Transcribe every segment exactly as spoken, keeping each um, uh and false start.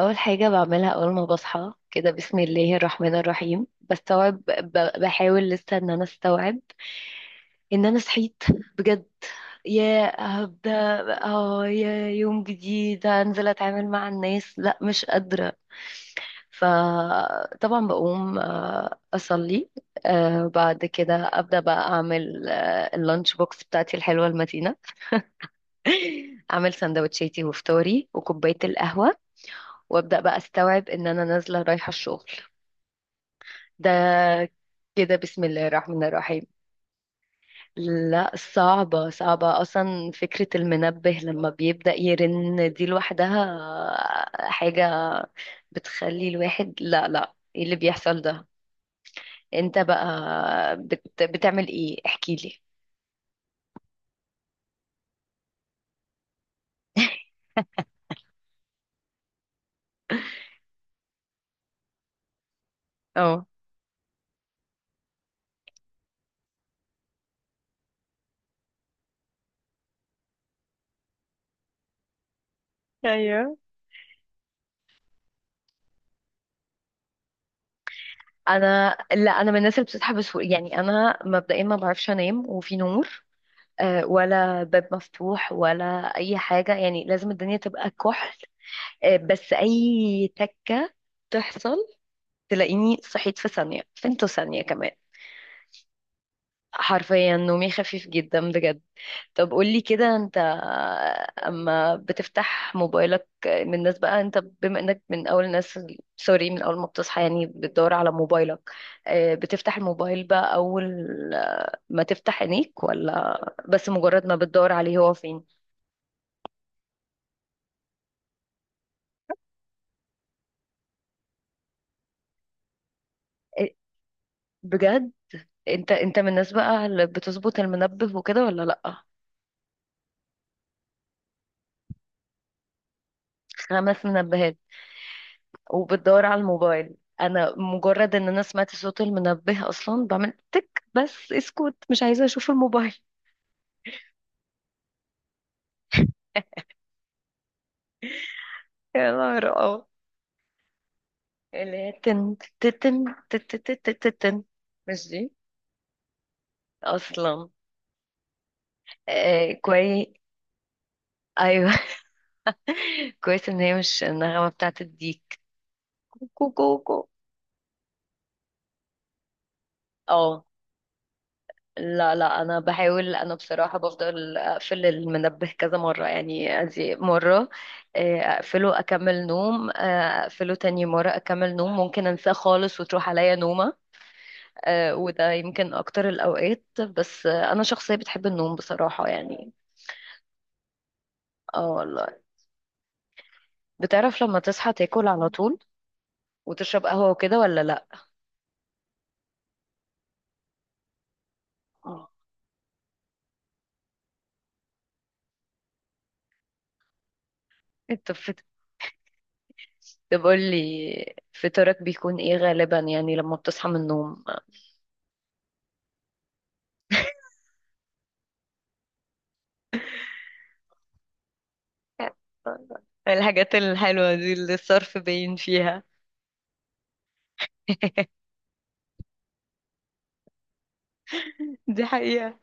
اول حاجه بعملها اول ما بصحى كده بسم الله الرحمن الرحيم بستوعب، ب- بحاول لسه ان انا استوعب ان انا صحيت بجد. يا هبدا. اه، يا يوم جديد هنزل اتعامل مع الناس، لا مش قادره. فطبعا بقوم، آه، اصلي. آه، بعد كده ابدا بقى اعمل آه، اللانش بوكس بتاعتي الحلوه المتينه. اعمل سندوتشاتي وفطاري وكوبايه القهوه، وابدا بقى استوعب ان انا نازله رايحه الشغل. ده كده بسم الله الرحمن الرحيم. لا، صعبة صعبة أصلا فكرة المنبه لما بيبدأ يرن دي لوحدها حاجة بتخلي الواحد، لا لا ايه اللي بيحصل ده؟ انت بقى بت... بتعمل ايه؟ احكي لي. اه، ايوه انا، لا انا من الناس اللي بتصحى بسهوله. يعني انا مبدئيا ما بعرفش انام وفي نور، آه، ولا باب مفتوح، ولا اي حاجه. يعني لازم الدنيا تبقى كحل. آه، بس اي تكه تحصل تلاقيني صحيت في ثانيه، فين ثانيه كمان. حرفيا نومي خفيف جدا بجد. طب قولي كده انت، اما بتفتح موبايلك من الناس بقى، انت بما انك من اول الناس، سوري، من اول ما بتصحى يعني بتدور على موبايلك، آه، بتفتح الموبايل بقى اول ما تفتح عينيك، ولا بس مجرد ما بتدور عليه هو فين؟ آه، بجد. انت انت من الناس بقى اللي بتظبط المنبه وكده ولا لأ؟ خمس منبهات وبتدور على الموبايل! انا مجرد ان انا سمعت صوت المنبه اصلا بعمل تك بس اسكت، مش عايزة اشوف الموبايل. يا نهار اه! اللي هي تن تتن تتتتتتن. مش دي اصلا. آه، كويس. ايوه. كويس ان هي مش النغمة بتاعت الديك كوكو كوكو. اه، لا لا انا بحاول. انا بصراحه بفضل اقفل المنبه كذا مره. يعني ادي مره، آه، اقفله اكمل نوم، آه، اقفله تاني مره اكمل نوم، ممكن انساه خالص وتروح عليا نومه. آه، وده يمكن اكتر الاوقات، بس آه، انا شخصيه بتحب النوم بصراحه يعني. اه والله. بتعرف لما تصحى تاكل على طول وتشرب قهوه وكده، ولا لا؟ آه. انت بت- طب قول لي، فطارك بيكون ايه غالبا يعني لما بتصحى من النوم؟ الحاجات الحلوة دي اللي الصرف باين فيها. دي حقيقة.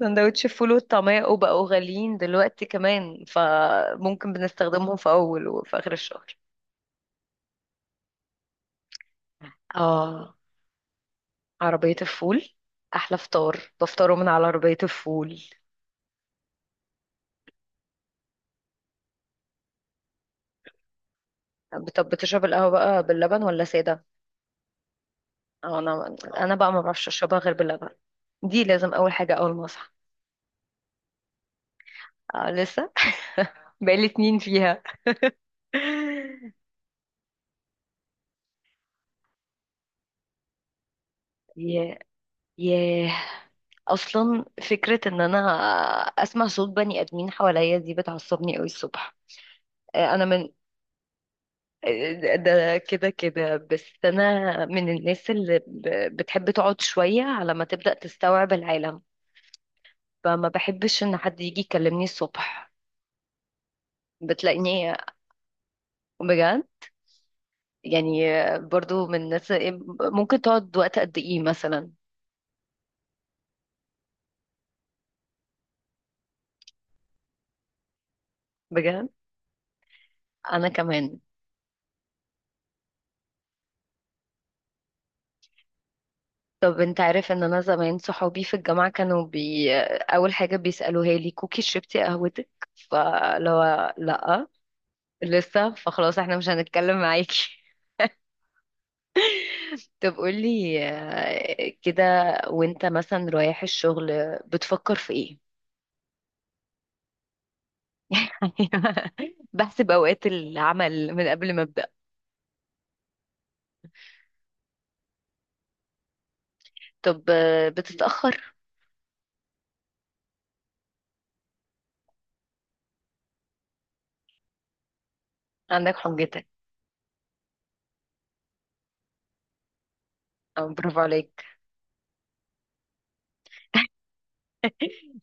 سندوتش الفول والطعمية وبقوا غاليين دلوقتي كمان، فممكن بنستخدمهم في أول وفي آخر الشهر. اه، عربية الفول. أحلى فطار بفطره من على عربية الفول. طب بتشرب القهوة بقى باللبن ولا سادة؟ أو أنا أنا بقى ما بعرفش أشربها غير باللبن. دي لازم أول حاجة أول ما أصحى. آه، لسه. بقالي اتنين فيها. ياه، ياه. اصلا فكره ان انا اسمع صوت بني ادمين حواليا دي بتعصبني قوي الصبح. آه، انا من آه، ده كده كده. بس انا من الناس اللي ب- بتحب تقعد شويه على ما تبدا تستوعب العالم، فما بحبش ان حد يجي يكلمني الصبح. بتلاقيني، بجد يعني، برضو من الناس. ممكن تقعد وقت قد ايه مثلا؟ بجد. انا كمان. طب انت عارف ان انا زمان صحابي في الجامعة كانوا بي... اول حاجة بيسألوها لي: كوكي شربتي قهوتك؟ فلو لا لسه، فخلاص احنا مش هنتكلم معاكي. طب قولي آه، كده، وانت مثلا رايح الشغل بتفكر في ايه؟ بحسب اوقات العمل من قبل ما ابدأ. طب آه، بتتأخر؟ عندك حجتك. آه، برافو عليك.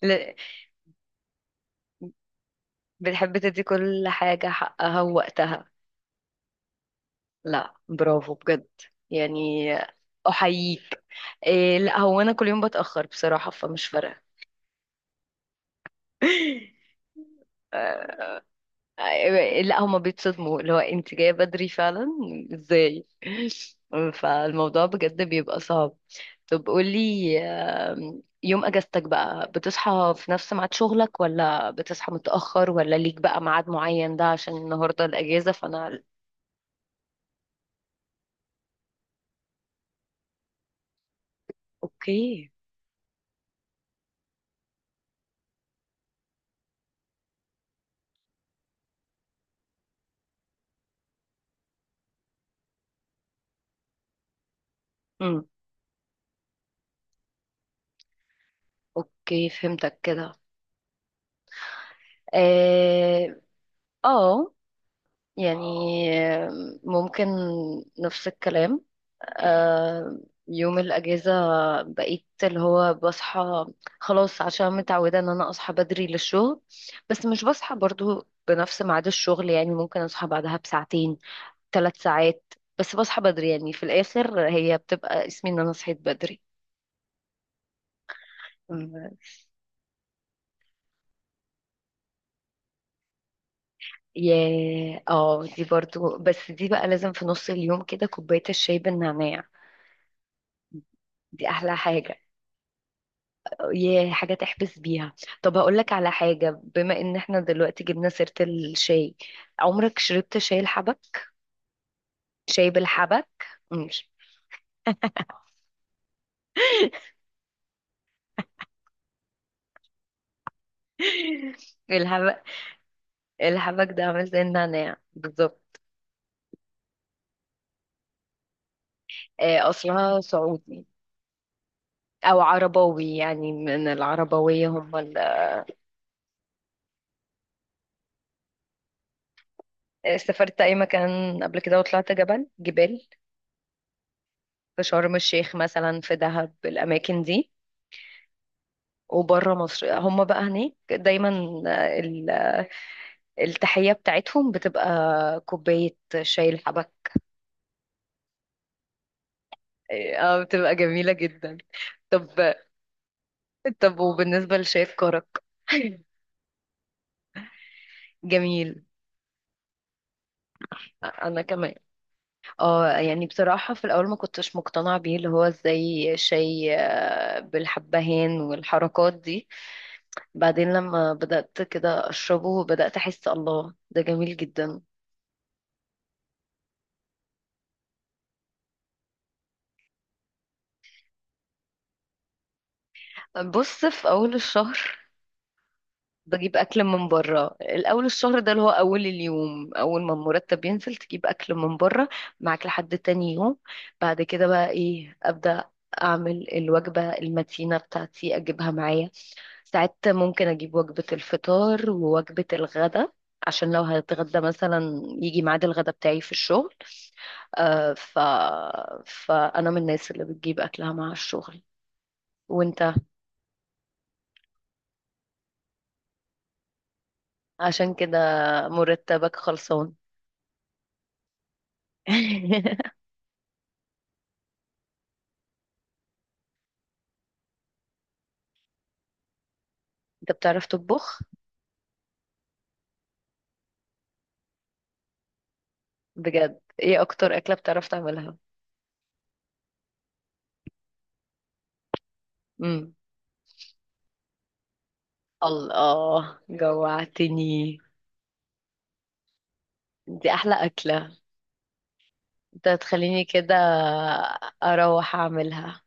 لا، بتحب تدي كل حاجة حقها ووقتها. لا برافو بجد، يعني احييك. إيه، لا هو انا كل يوم بتاخر بصراحه، فمش فارقه. آه، لا، هما بيتصدموا اللي هو انت جايه بدري فعلا ازاي؟ فالموضوع بجد بيبقى صعب. طب قولي، آم، يوم اجازتك بقى بتصحى في نفس ميعاد شغلك، ولا بتصحى متاخر، ولا ليك بقى ميعاد معين ده عشان النهارده الاجازه؟ فانا، اوكي، امم، اوكي فهمتك كده. آه، اه، يعني ممكن نفس الكلام. آه، يوم الاجازه بقيت اللي هو بصحى خلاص، عشان متعوده ان انا اصحى بدري للشغل. بس مش بصحى برضو بنفس ميعاد الشغل، يعني ممكن اصحى بعدها بساعتين، ثلاث ساعات، بس بصحى بدري. يعني في الاخر هي بتبقى اسمي ان انا صحيت بدري. م- يا اه، دي برضو، بس دي بقى لازم في نص اليوم كده كوبايه الشاي بالنعناع. دي احلى حاجه. ياه، حاجة تحبس بيها. طب هقولك على حاجة بما ان احنا دلوقتي جبنا سيرة الشاي، عمرك شربت شاي الحبك؟ شاي بالحبك. مش، الحبك. الحبك ده عامل زي النعناع بالظبط. آه، اصلها سعودي، او عرباوي يعني، من العربوية هم ال... آه، سافرت اي مكان قبل كده وطلعت جبل جبال؟ في شرم الشيخ مثلا، في دهب، الاماكن دي؟ وبره مصر هم بقى هناك دايما التحية بتاعتهم بتبقى كوباية شاي الحبة. اه، آه، بتبقى جميلة جدا. طب طب وبالنسبة لشاي الكرك؟ جميل. انا كمان. اه يعني بصراحة في الاول ما كنتش مقتنعة بيه، اللي هو ازاي شاي آه، بالحبهان والحركات دي. بعدين لما بدأت كده اشربه بدأت احس الله ده جميل جدا. بص، في اول الشهر بجيب اكل من بره. الاول الشهر ده اللي هو اول اليوم، اول ما المرتب ينزل تجيب اكل من بره، معاك لحد تاني يوم. بعد كده بقى ايه، ابدا اعمل الوجبه المتينه بتاعتي اجيبها معايا. ساعات ممكن اجيب وجبه الفطار ووجبه الغدا، عشان لو هتغدى مثلا يجي ميعاد الغدا بتاعي في الشغل. آه، ف... فانا من الناس اللي بتجيب اكلها مع الشغل. وانت؟ عشان كده مرتبك خلصان. انت بتعرف تطبخ؟ بجد، ايه اكتر اكلة بتعرف تعملها؟ امم، الله جوعتني. دي احلى اكلة. انت هتخليني كده اروح اعملها.